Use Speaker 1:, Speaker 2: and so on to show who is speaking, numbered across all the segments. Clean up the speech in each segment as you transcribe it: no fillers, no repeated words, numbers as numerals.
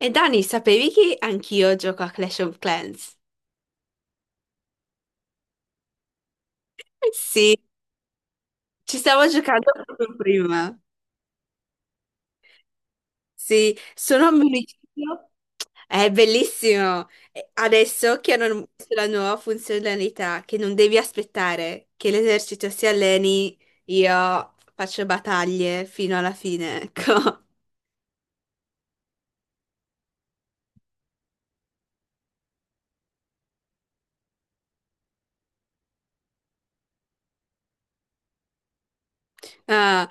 Speaker 1: E Dani, sapevi che anch'io gioco a Clash of Clans? Eh sì, ci stavo giocando proprio prima. Sì, sono un municipio. È bellissimo. E adesso che hanno messo la nuova funzionalità, che non devi aspettare che l'esercito si alleni, io faccio battaglie fino alla fine, ecco. Ah,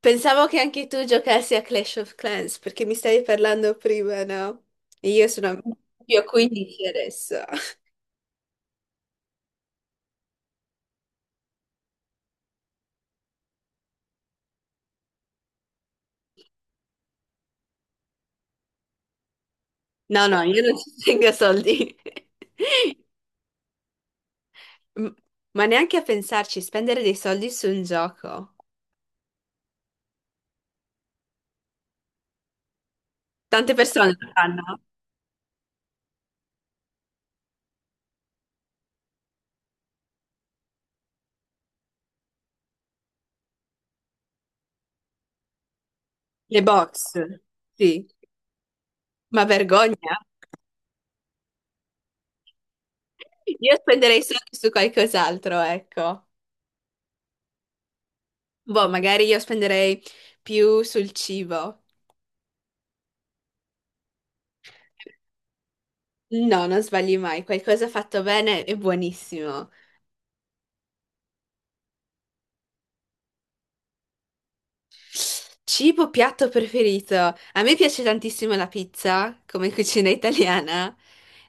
Speaker 1: pensavo che anche tu giocassi a Clash of Clans, perché mi stavi parlando prima, no? Io sono più a 15 adesso. No, no, io non ci tengo soldi. M- Ma neanche a pensarci, spendere dei soldi su un gioco. Tante persone lo fanno. Le box, sì. Ma vergogna. Io spenderei soldi su qualcos'altro, ecco. Boh, magari io spenderei più sul cibo. No, non sbagli mai. Qualcosa fatto bene è buonissimo. Cibo piatto preferito. A me piace tantissimo la pizza, come cucina italiana,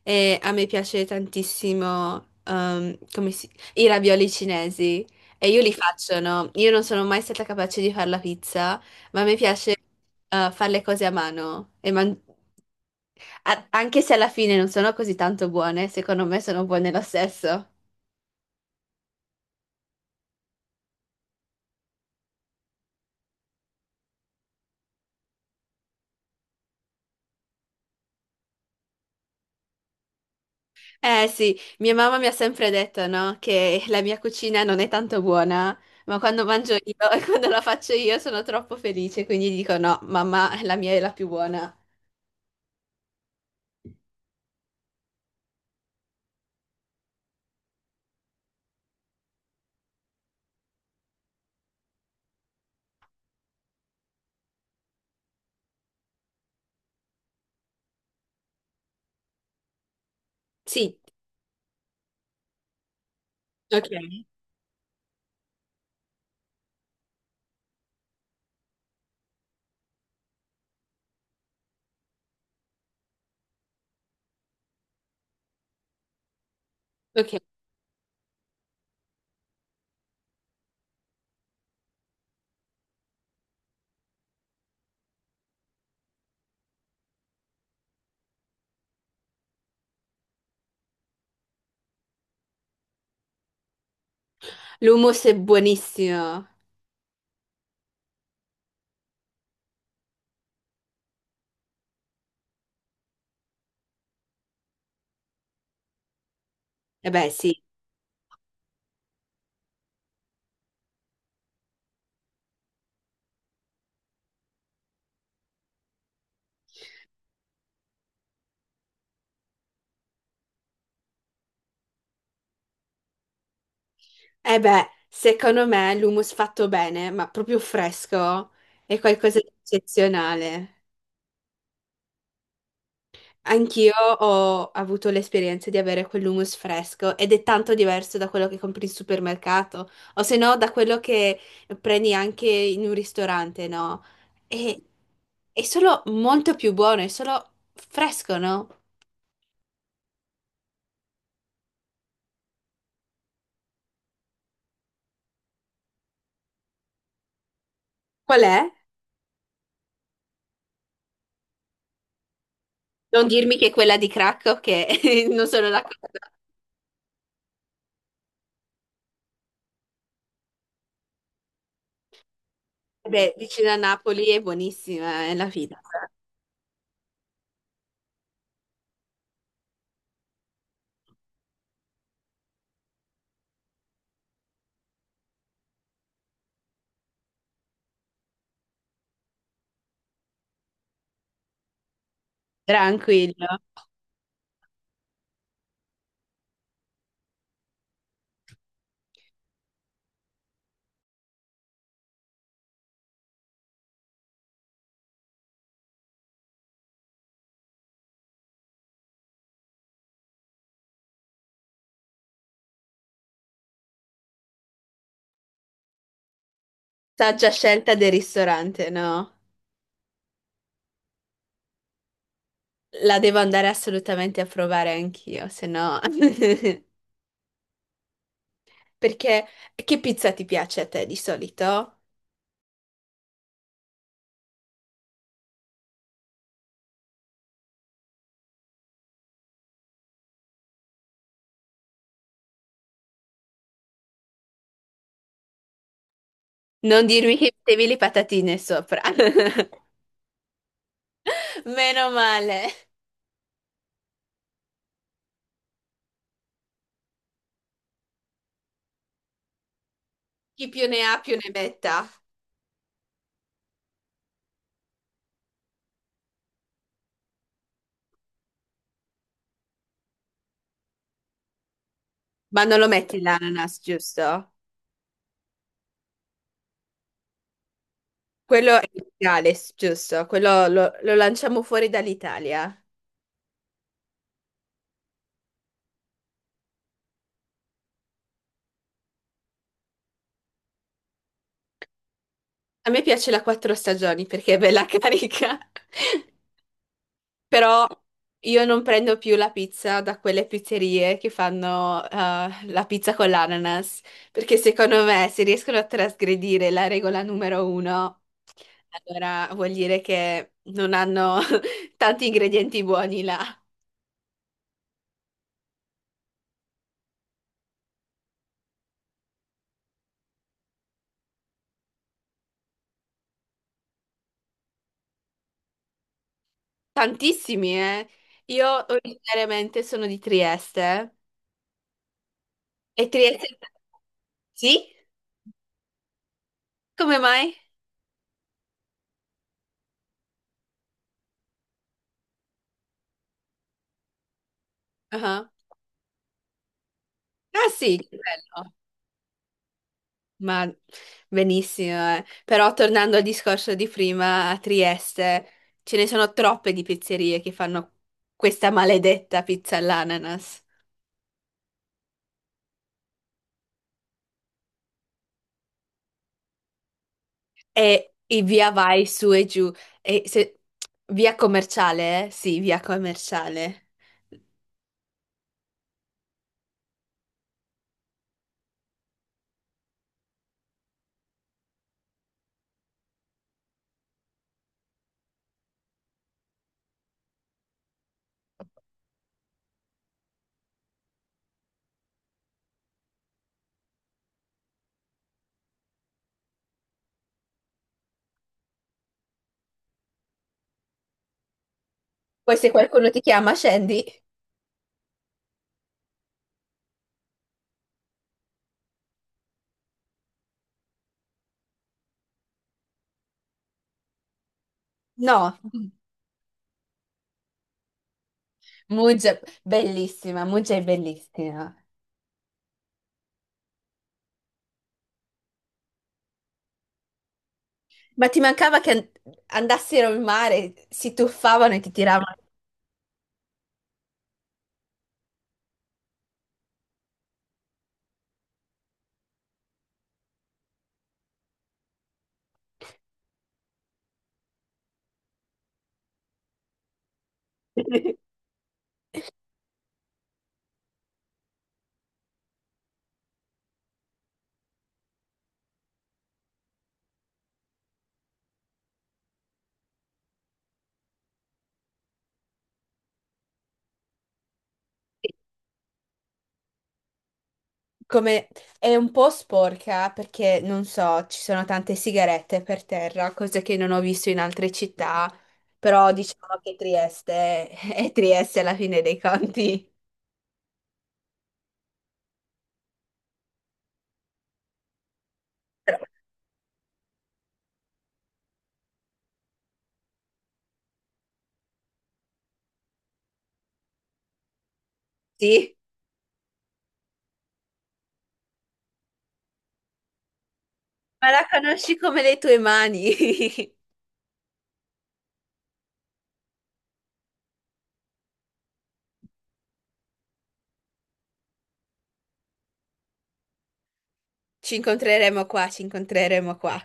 Speaker 1: e a me piace tantissimo i ravioli cinesi. E io li faccio, no? Io non sono mai stata capace di fare la pizza, ma a me piace fare le cose a mano. Anche se alla fine non sono così tanto buone, secondo me sono buone lo stesso. Eh sì, mia mamma mi ha sempre detto, no, che la mia cucina non è tanto buona, ma quando mangio io e quando la faccio io sono troppo felice, quindi dico no, mamma, la mia è la più buona. Sì, ok, ok. L'hummus è buonissimo. Eh beh, sì. Eh beh, secondo me l'hummus fatto bene, ma proprio fresco, è qualcosa di eccezionale. Anch'io ho avuto l'esperienza di avere quell'hummus fresco ed è tanto diverso da quello che compri in supermercato o se no da quello che prendi anche in un ristorante, no? E è solo molto più buono, è solo fresco, no? Qual è? Non dirmi che è quella di Cracco che non sono la cosa. Beh, vicino a Napoli è buonissima, è la fida. Tranquillo. Saggia scelta del ristorante, no? La devo andare assolutamente a provare anch'io, se no... Perché che pizza ti piace a te di solito? Non dirmi che mettevi le patatine sopra. Meno male. Chi più ne ha più ne metta. Ma non lo metti l'ananas, giusto? Quello è il Galles, giusto? Quello lo, lo lanciamo fuori dall'Italia. A me piace la quattro stagioni perché è bella carica. Però io non prendo più la pizza da quelle pizzerie che fanno la pizza con l'ananas, perché secondo me se riescono a trasgredire la regola numero uno, allora vuol dire che non hanno tanti ingredienti buoni là. Tantissimi, eh. Io originariamente sono di Trieste e Trieste... Sì? Come mai? Ah, ah sì, che bello. Ma benissimo, eh. Però tornando al discorso di prima, a Trieste ce ne sono troppe di pizzerie che fanno questa maledetta pizza all'ananas e i via vai su e giù. E se- Via commerciale, eh? Sì, via commerciale. Poi se qualcuno ti chiama, scendi. No, Muggia, bellissima, Muggia è bellissima. Ma ti mancava che an- Andassero in mare, si tuffavano e ti tiravano. Come è un po' sporca perché non so, ci sono tante sigarette per terra, cosa che non ho visto in altre città, però diciamo che Trieste è Trieste alla fine dei conti. Però, sì, ma la conosci come le tue mani. Ci incontreremo qua, ci incontreremo qua.